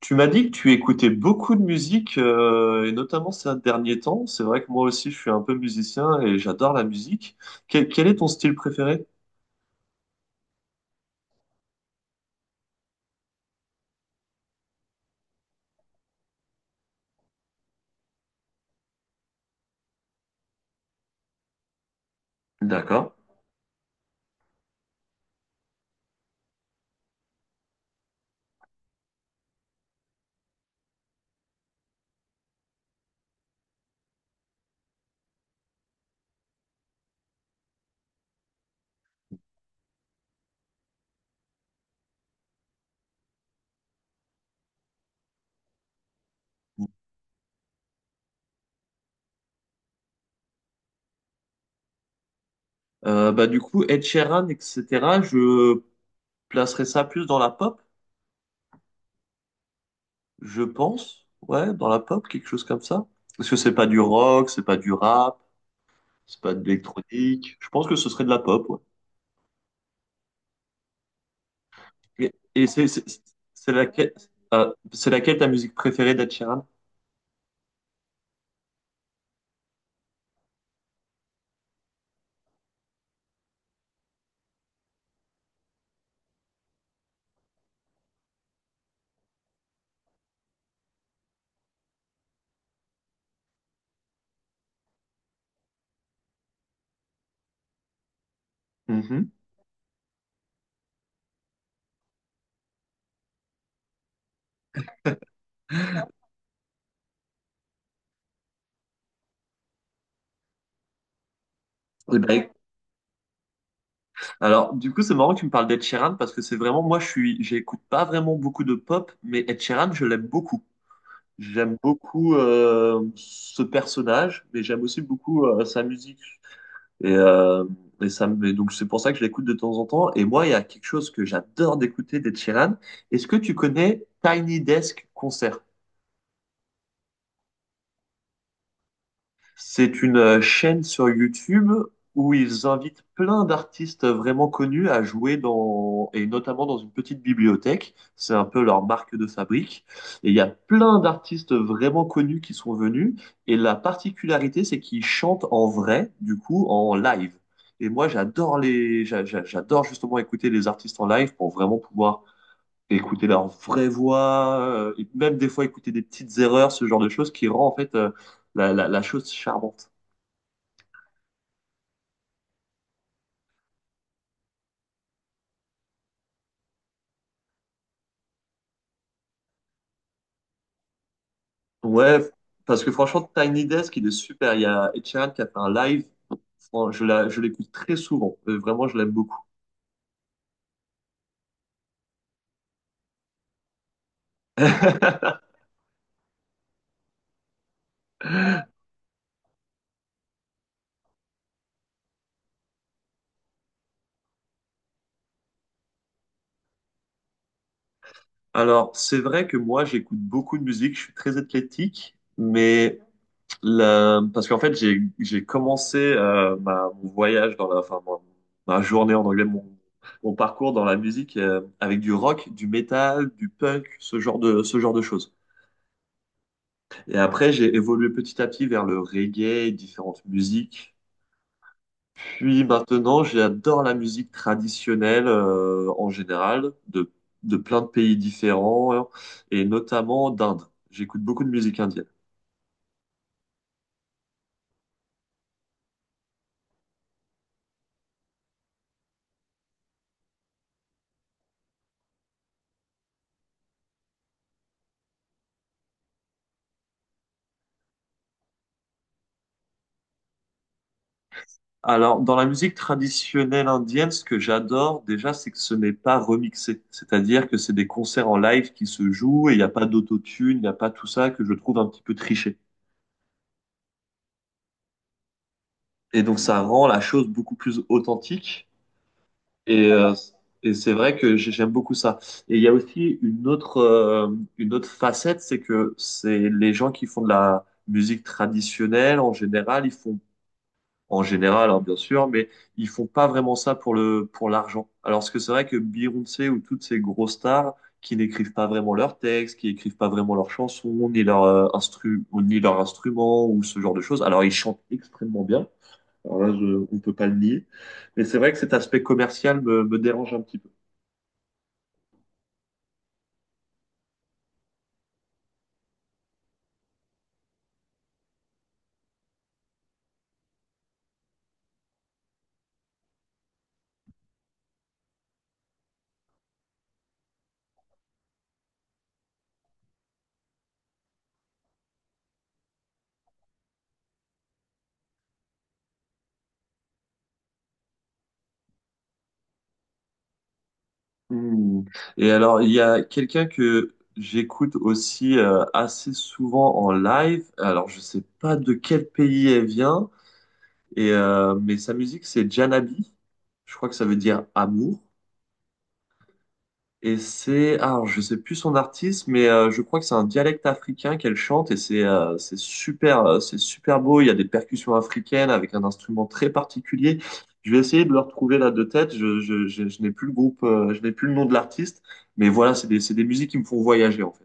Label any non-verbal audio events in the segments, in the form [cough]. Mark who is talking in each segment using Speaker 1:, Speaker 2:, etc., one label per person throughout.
Speaker 1: Tu m'as dit que tu écoutais beaucoup de musique, et notamment ces derniers temps. C'est vrai que moi aussi, je suis un peu musicien et j'adore la musique. Quel est ton style préféré? D'accord. Du coup, Ed Sheeran, etc., je placerais ça plus dans la pop, je pense. Ouais, dans la pop, quelque chose comme ça. Parce que c'est pas du rock, c'est pas du rap, c'est pas de l'électronique. Je pense que ce serait de la pop, ouais. Et, et c'est c'est- c'est laquelle, euh, c'est laquelle ta musique préférée d'Ed Sheeran? Mhm. Eh ben, du coup, c'est marrant que tu me parles d'Ed Sheeran parce que c'est vraiment, moi, je suis, j'écoute pas vraiment beaucoup de pop, mais Ed Sheeran, je l'aime beaucoup. J'aime beaucoup ce personnage, mais j'aime aussi beaucoup sa musique. Et, euh, et ça me, et Donc, c'est pour ça que je l'écoute de temps en temps. Et moi, il y a quelque chose que j'adore d'écouter d'Ed Sheeran. Est-ce que tu connais Tiny Desk Concert? C'est une chaîne sur YouTube où ils invitent plein d'artistes vraiment connus à jouer dans, et notamment dans une petite bibliothèque. C'est un peu leur marque de fabrique. Et il y a plein d'artistes vraiment connus qui sont venus. Et la particularité, c'est qu'ils chantent en vrai, du coup, en live. Et moi, j'adore justement écouter les artistes en live pour vraiment pouvoir écouter leur vraie voix, et même des fois écouter des petites erreurs, ce genre de choses qui rend en fait la chose charmante. Ouais, parce que franchement, Tiny Desk, il est super. Il y a Ed Sheeran qui a fait un live. Je l'écoute très souvent. Vraiment, je l'aime beaucoup. [laughs] Alors, c'est vrai que moi, j'écoute beaucoup de musique. Je suis très athlétique. Parce qu'en fait, j'ai commencé mon voyage dans la, enfin, mon- ma, journée en anglais, mon parcours dans la musique avec du rock, du métal, du punk, ce genre de choses. Et après, j'ai évolué petit à petit vers le reggae, différentes musiques. Puis maintenant, j'adore la musique traditionnelle en général, de plein de pays différents, hein, et notamment d'Inde. J'écoute beaucoup de musique indienne. Alors, dans la musique traditionnelle indienne, ce que j'adore déjà, c'est que ce n'est pas remixé. C'est-à-dire que c'est des concerts en live qui se jouent et il n'y a pas d'autotune, il n'y a pas tout ça que je trouve un petit peu triché. Et donc, ça rend la chose beaucoup plus authentique. Et, euh, et c'est vrai que j'aime beaucoup ça. Et il y a aussi une autre facette, c'est que c'est les gens qui font de la musique traditionnelle, en général, ils font, en général, hein, bien sûr, mais ils font pas vraiment ça pour pour l'argent. Alors ce que c'est vrai que Beyoncé ou toutes ces grosses stars qui n'écrivent pas vraiment leurs textes, qui écrivent pas vraiment leurs chansons, ni leurs instru, ou ni leurs instruments, ou ce genre de choses. Alors ils chantent extrêmement bien. On ne peut pas le nier. Mais c'est vrai que cet aspect commercial me dérange un petit peu. Hmm. Et alors, il y a quelqu'un que j'écoute aussi assez souvent en live. Alors, je sais pas de quel pays elle vient, mais sa musique, c'est Janabi. Je crois que ça veut dire amour. Je sais plus son artiste, mais je crois que c'est un dialecte africain qu'elle chante et c'est super beau. Il y a des percussions africaines avec un instrument très particulier. Je vais essayer de le retrouver là de tête. Je n'ai plus le groupe, je n'ai plus le nom de l'artiste, mais voilà, c'est des musiques qui me font voyager en fait.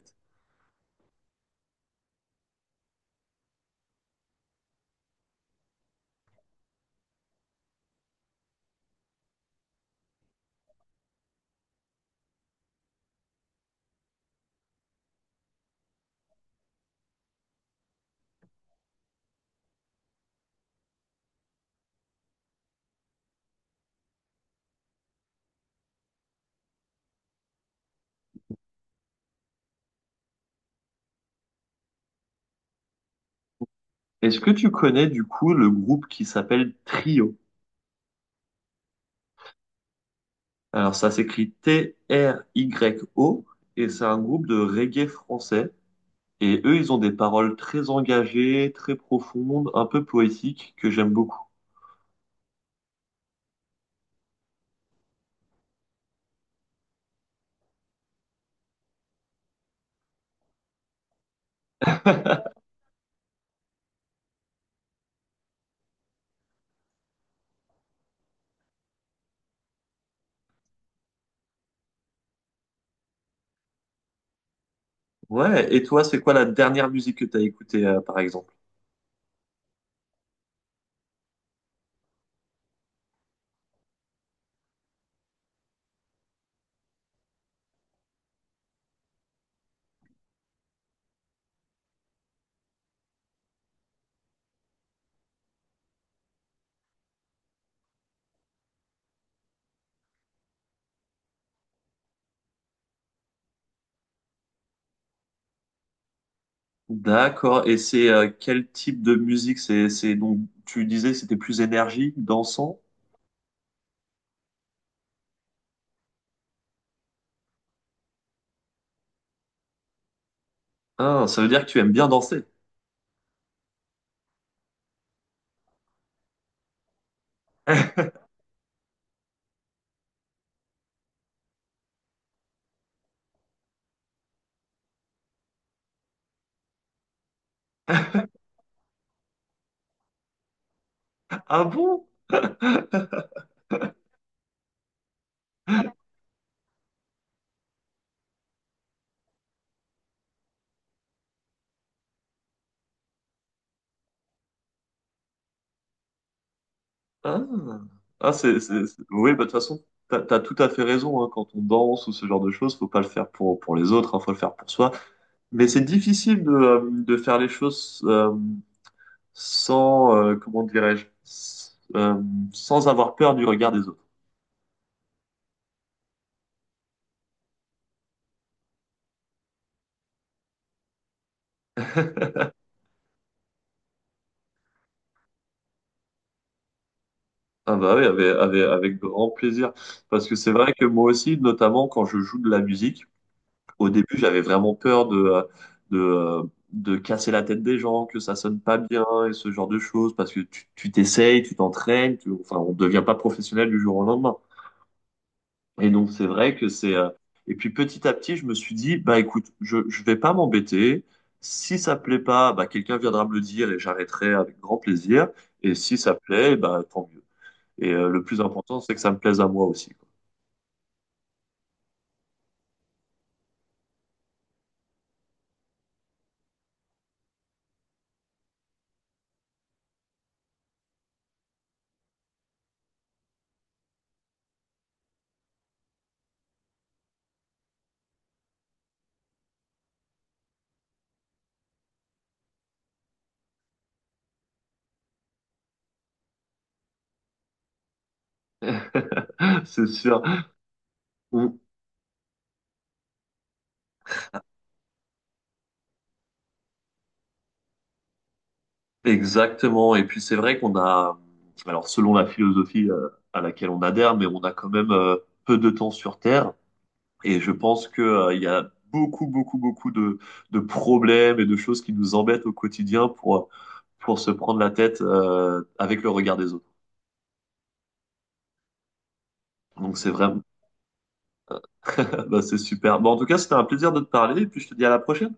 Speaker 1: Est-ce que tu connais du coup le groupe qui s'appelle Trio? Alors ça s'écrit T-R-Y-O et c'est un groupe de reggae français. Et eux, ils ont des paroles très engagées, très profondes, un peu poétiques, que j'aime beaucoup. [laughs] Ouais, et toi, c'est quoi la dernière musique que t'as écoutée, par exemple? D'accord, et c'est quel type de musique? C'est Donc, tu disais que c'était plus énergie, dansant? Ah, ça veut dire que tu aimes bien danser. [laughs] Ah bon? Ah, Oui, bah, de toute façon, t'as tout à fait raison, hein. Quand on danse ou ce genre de choses, faut pas le faire pour les autres, hein, faut le faire pour soi. Mais c'est difficile de faire les choses. Sans, Comment dirais-je, sans avoir peur du regard des autres. Ah bah oui, avec grand plaisir. Parce que c'est vrai que moi aussi, notamment quand je joue de la musique, au début, j'avais vraiment peur de, euh, de casser la tête des gens, que ça sonne pas bien et ce genre de choses, parce que tu t'essayes, enfin, on devient pas professionnel du jour au lendemain. Et donc, c'est vrai que c'est. Et puis, petit à petit, je me suis dit, bah écoute, je vais pas m'embêter. Si ça plaît pas, bah quelqu'un viendra me le dire et j'arrêterai avec grand plaisir. Et si ça plaît, bah tant mieux. Et le plus important, c'est que ça me plaise à moi aussi. Quoi. [laughs] C'est sûr. On- Exactement. Et puis, c'est vrai qu'on a. Alors, selon la philosophie à laquelle on adhère, mais on a quand même peu de temps sur Terre. Et je pense que, il y a beaucoup de problèmes et de choses qui nous embêtent au quotidien pour se prendre la tête, avec le regard des autres. Donc c'est vraiment, [laughs] bah, c'est super. Bon, en tout cas, c'était un plaisir de te parler et puis je te dis à la prochaine.